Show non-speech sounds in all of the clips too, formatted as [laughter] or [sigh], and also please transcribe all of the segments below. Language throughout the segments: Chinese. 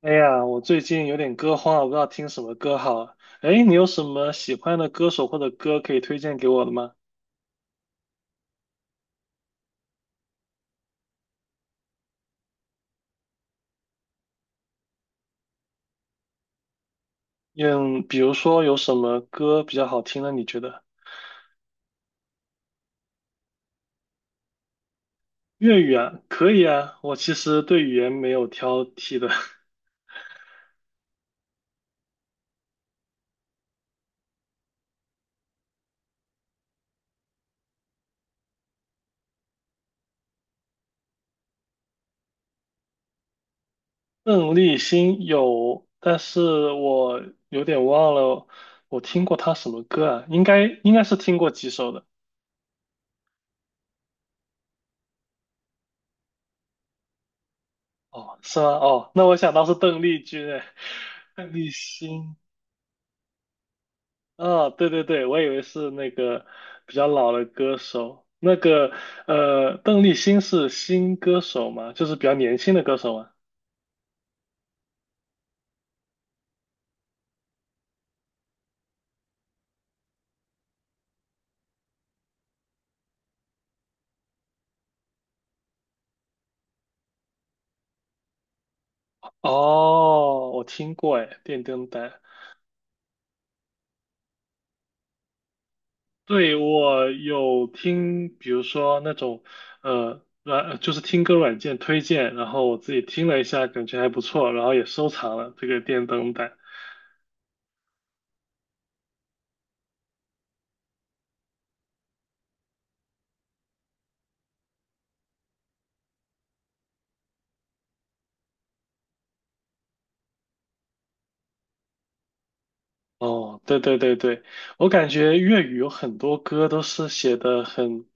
哎呀，我最近有点歌荒，我不知道听什么歌好。哎，你有什么喜欢的歌手或者歌可以推荐给我的吗？嗯，比如说有什么歌比较好听呢？你觉得？粤语啊，可以啊，我其实对语言没有挑剔的。[laughs] 邓丽欣有，但是我有点忘了我听过她什么歌啊，应该是听过几首的。哦，是吗？哦，那我想到是邓丽君，哎，[laughs] 邓丽欣。啊，对对对，我以为是那个比较老的歌手，那个邓丽欣是新歌手吗？就是比较年轻的歌手吗？哦，我听过哎，电灯胆，对，我有听，比如说那种就是听歌软件推荐，然后我自己听了一下，感觉还不错，然后也收藏了这个电灯胆。哦，对对对对，我感觉粤语有很多歌都是写的很。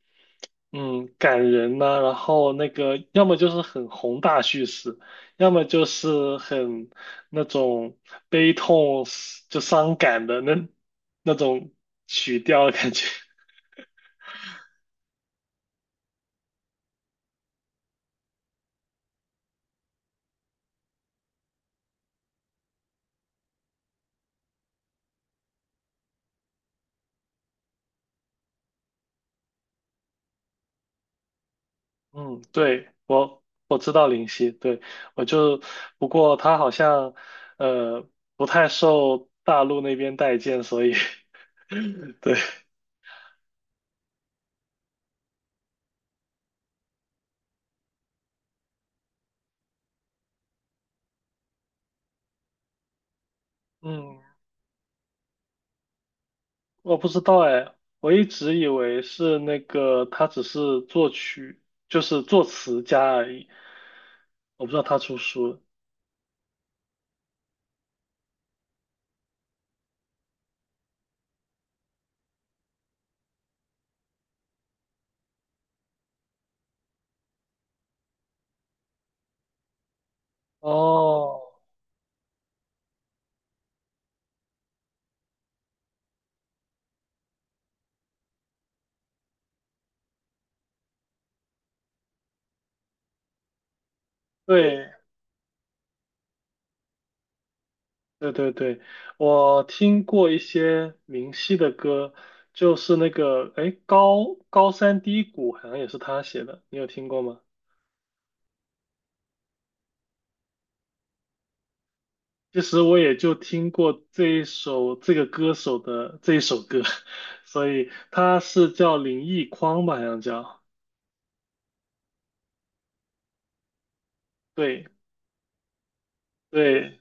嗯，感人呐、然后那个要么就是很宏大叙事，要么就是很那种悲痛就伤感的那种曲调的感觉。[laughs] 嗯，对，我知道林夕，对，我就不过他好像呃不太受大陆那边待见，所以 [laughs] 对，嗯。我不知道哎，我一直以为是那个他只是作曲，就是作词家而已。我不知道他出书了。哦，对对对对，我听过一些明晰的歌，就是那个哎高山低谷好像也是他写的，你有听过吗？其实我也就听过这一首这个歌手的这一首歌，[laughs] 所以他是叫林奕匡吧，好像叫。对对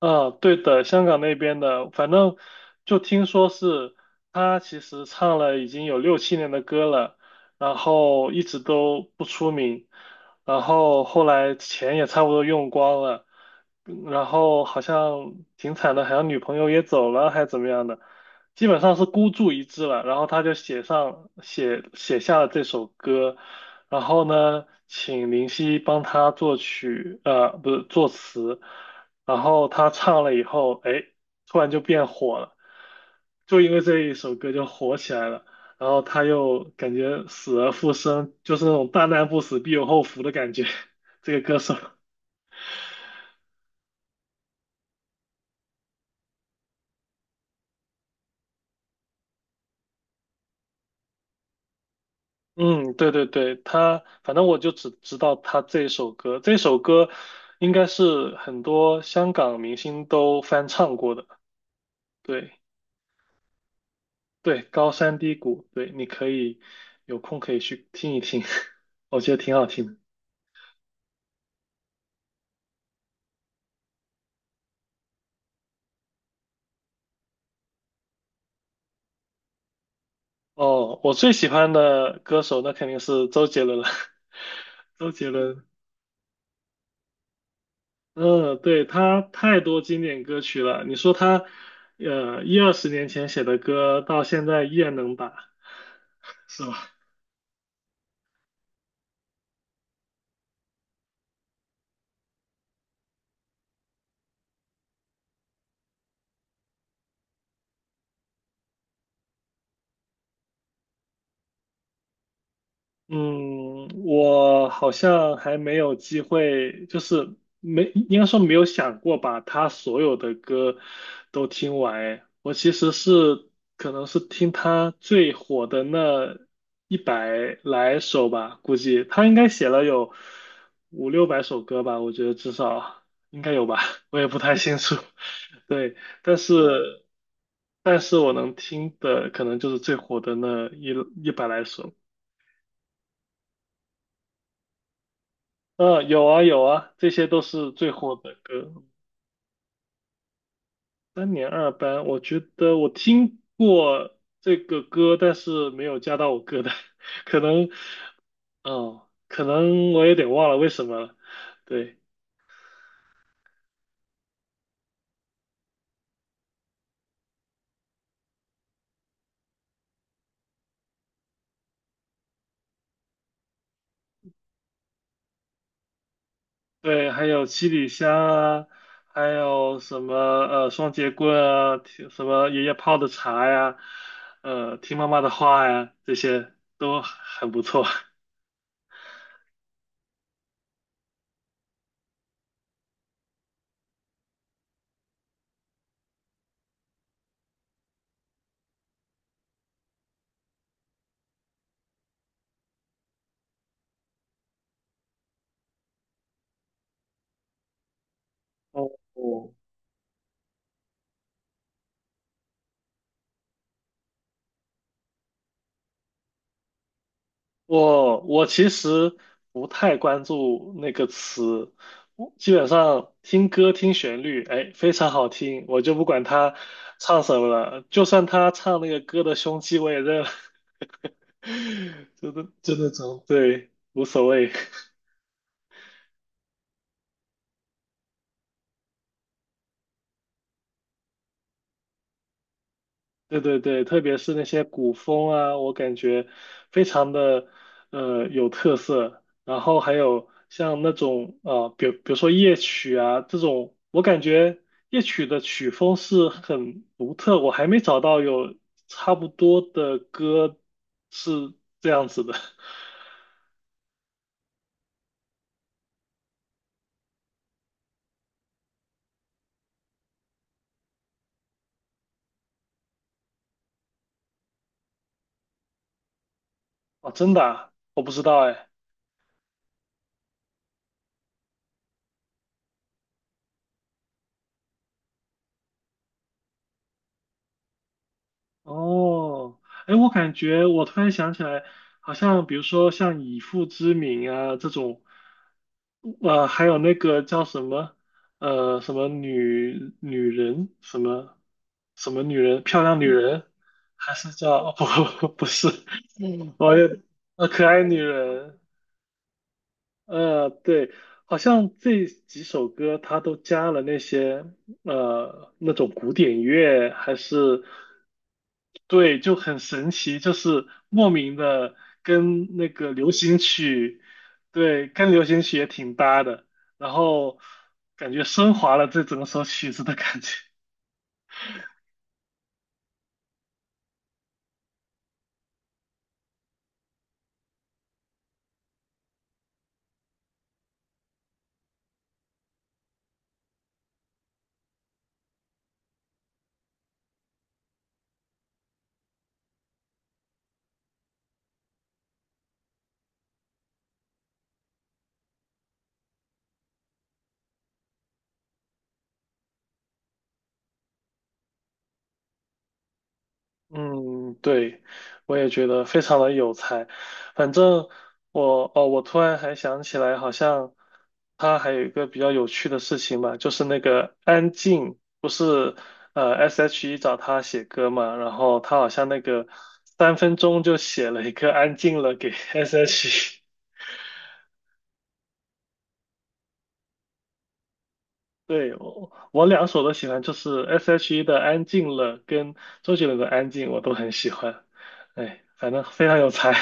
嗯，对的，香港那边的，反正就听说是他其实唱了已经有六七年的歌了，然后一直都不出名，然后后来钱也差不多用光了，嗯然后好像挺惨的，好像女朋友也走了，还怎么样的，基本上是孤注一掷了，然后他就写上写写下了这首歌，然后呢，请林夕帮他作曲，不是作词。然后他唱了以后，哎，突然就变火了，就因为这一首歌就火起来了。然后他又感觉死而复生，就是那种大难不死必有后福的感觉。[laughs] 这个歌手，[laughs] 嗯，对对对，他反正我就只知道他这首歌，这首歌应该是很多香港明星都翻唱过的。对对，高山低谷，对，你可以有空可以去听一听，[laughs] 我觉得挺好听的。哦，我最喜欢的歌手那肯定是周杰伦了。[laughs] 周杰伦，嗯，对，他太多经典歌曲了。你说他，一二十年前写的歌，到现在依然能打，是吧？嗯，我好像还没有机会，就是没，应该说没有想过把他所有的歌都听完诶。我其实是可能是听他最火的那一百来首吧，估计他应该写了有五六百首歌吧，我觉得至少应该有吧，我也不太清楚。[laughs] 对，但是但是我能听的可能就是最火的那一百来首。嗯，有啊有啊，这些都是最火的歌。三年二班，我觉得我听过这个歌，但是没有加到我歌单，[laughs] 可能，哦，可能我有点忘了为什么了。对对，还有七里香啊，还有什么双截棍啊，听什么爷爷泡的茶呀，听妈妈的话呀，这些都很不错。[laughs] 哦，我其实不太关注那个词，我基本上听歌听旋律，哎，非常好听，我就不管他唱什么了，就算他唱那个歌的凶器，我也认了，[laughs] 就那种，对，无所谓。对对对，特别是那些古风啊，我感觉非常的有特色。然后还有像那种比如说夜曲啊这种，我感觉夜曲的曲风是很独特，我还没找到有差不多的歌是这样子的。[laughs] 哦，真的啊我不知道哎。哦，哎，我感觉我突然想起来，好像比如说像以父之名啊这种，还有那个叫什么，什么女人，什么女人，漂亮女人，还是叫，[laughs] 哦，不不是，嗯，我也，可爱女人，对，好像这几首歌它都加了那些那种古典乐，还是对，就很神奇，就是莫名的跟那个流行曲，对，跟流行曲也挺搭的，然后感觉升华了这整首曲子的感觉。嗯，对，我也觉得非常的有才。反正我突然还想起来，好像他还有一个比较有趣的事情吧，就是那个安静，不是S.H.E 找他写歌嘛，然后他好像那个3分钟就写了一个安静了给 [laughs] S.H.E。对，我两首都喜欢，就是 S.H.E 的安静了跟周杰伦的安静我都很喜欢。哎，反正非常有才。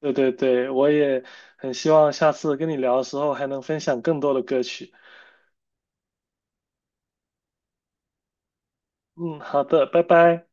对对对，我也很希望下次跟你聊的时候还能分享更多的歌曲。嗯，好的，拜拜。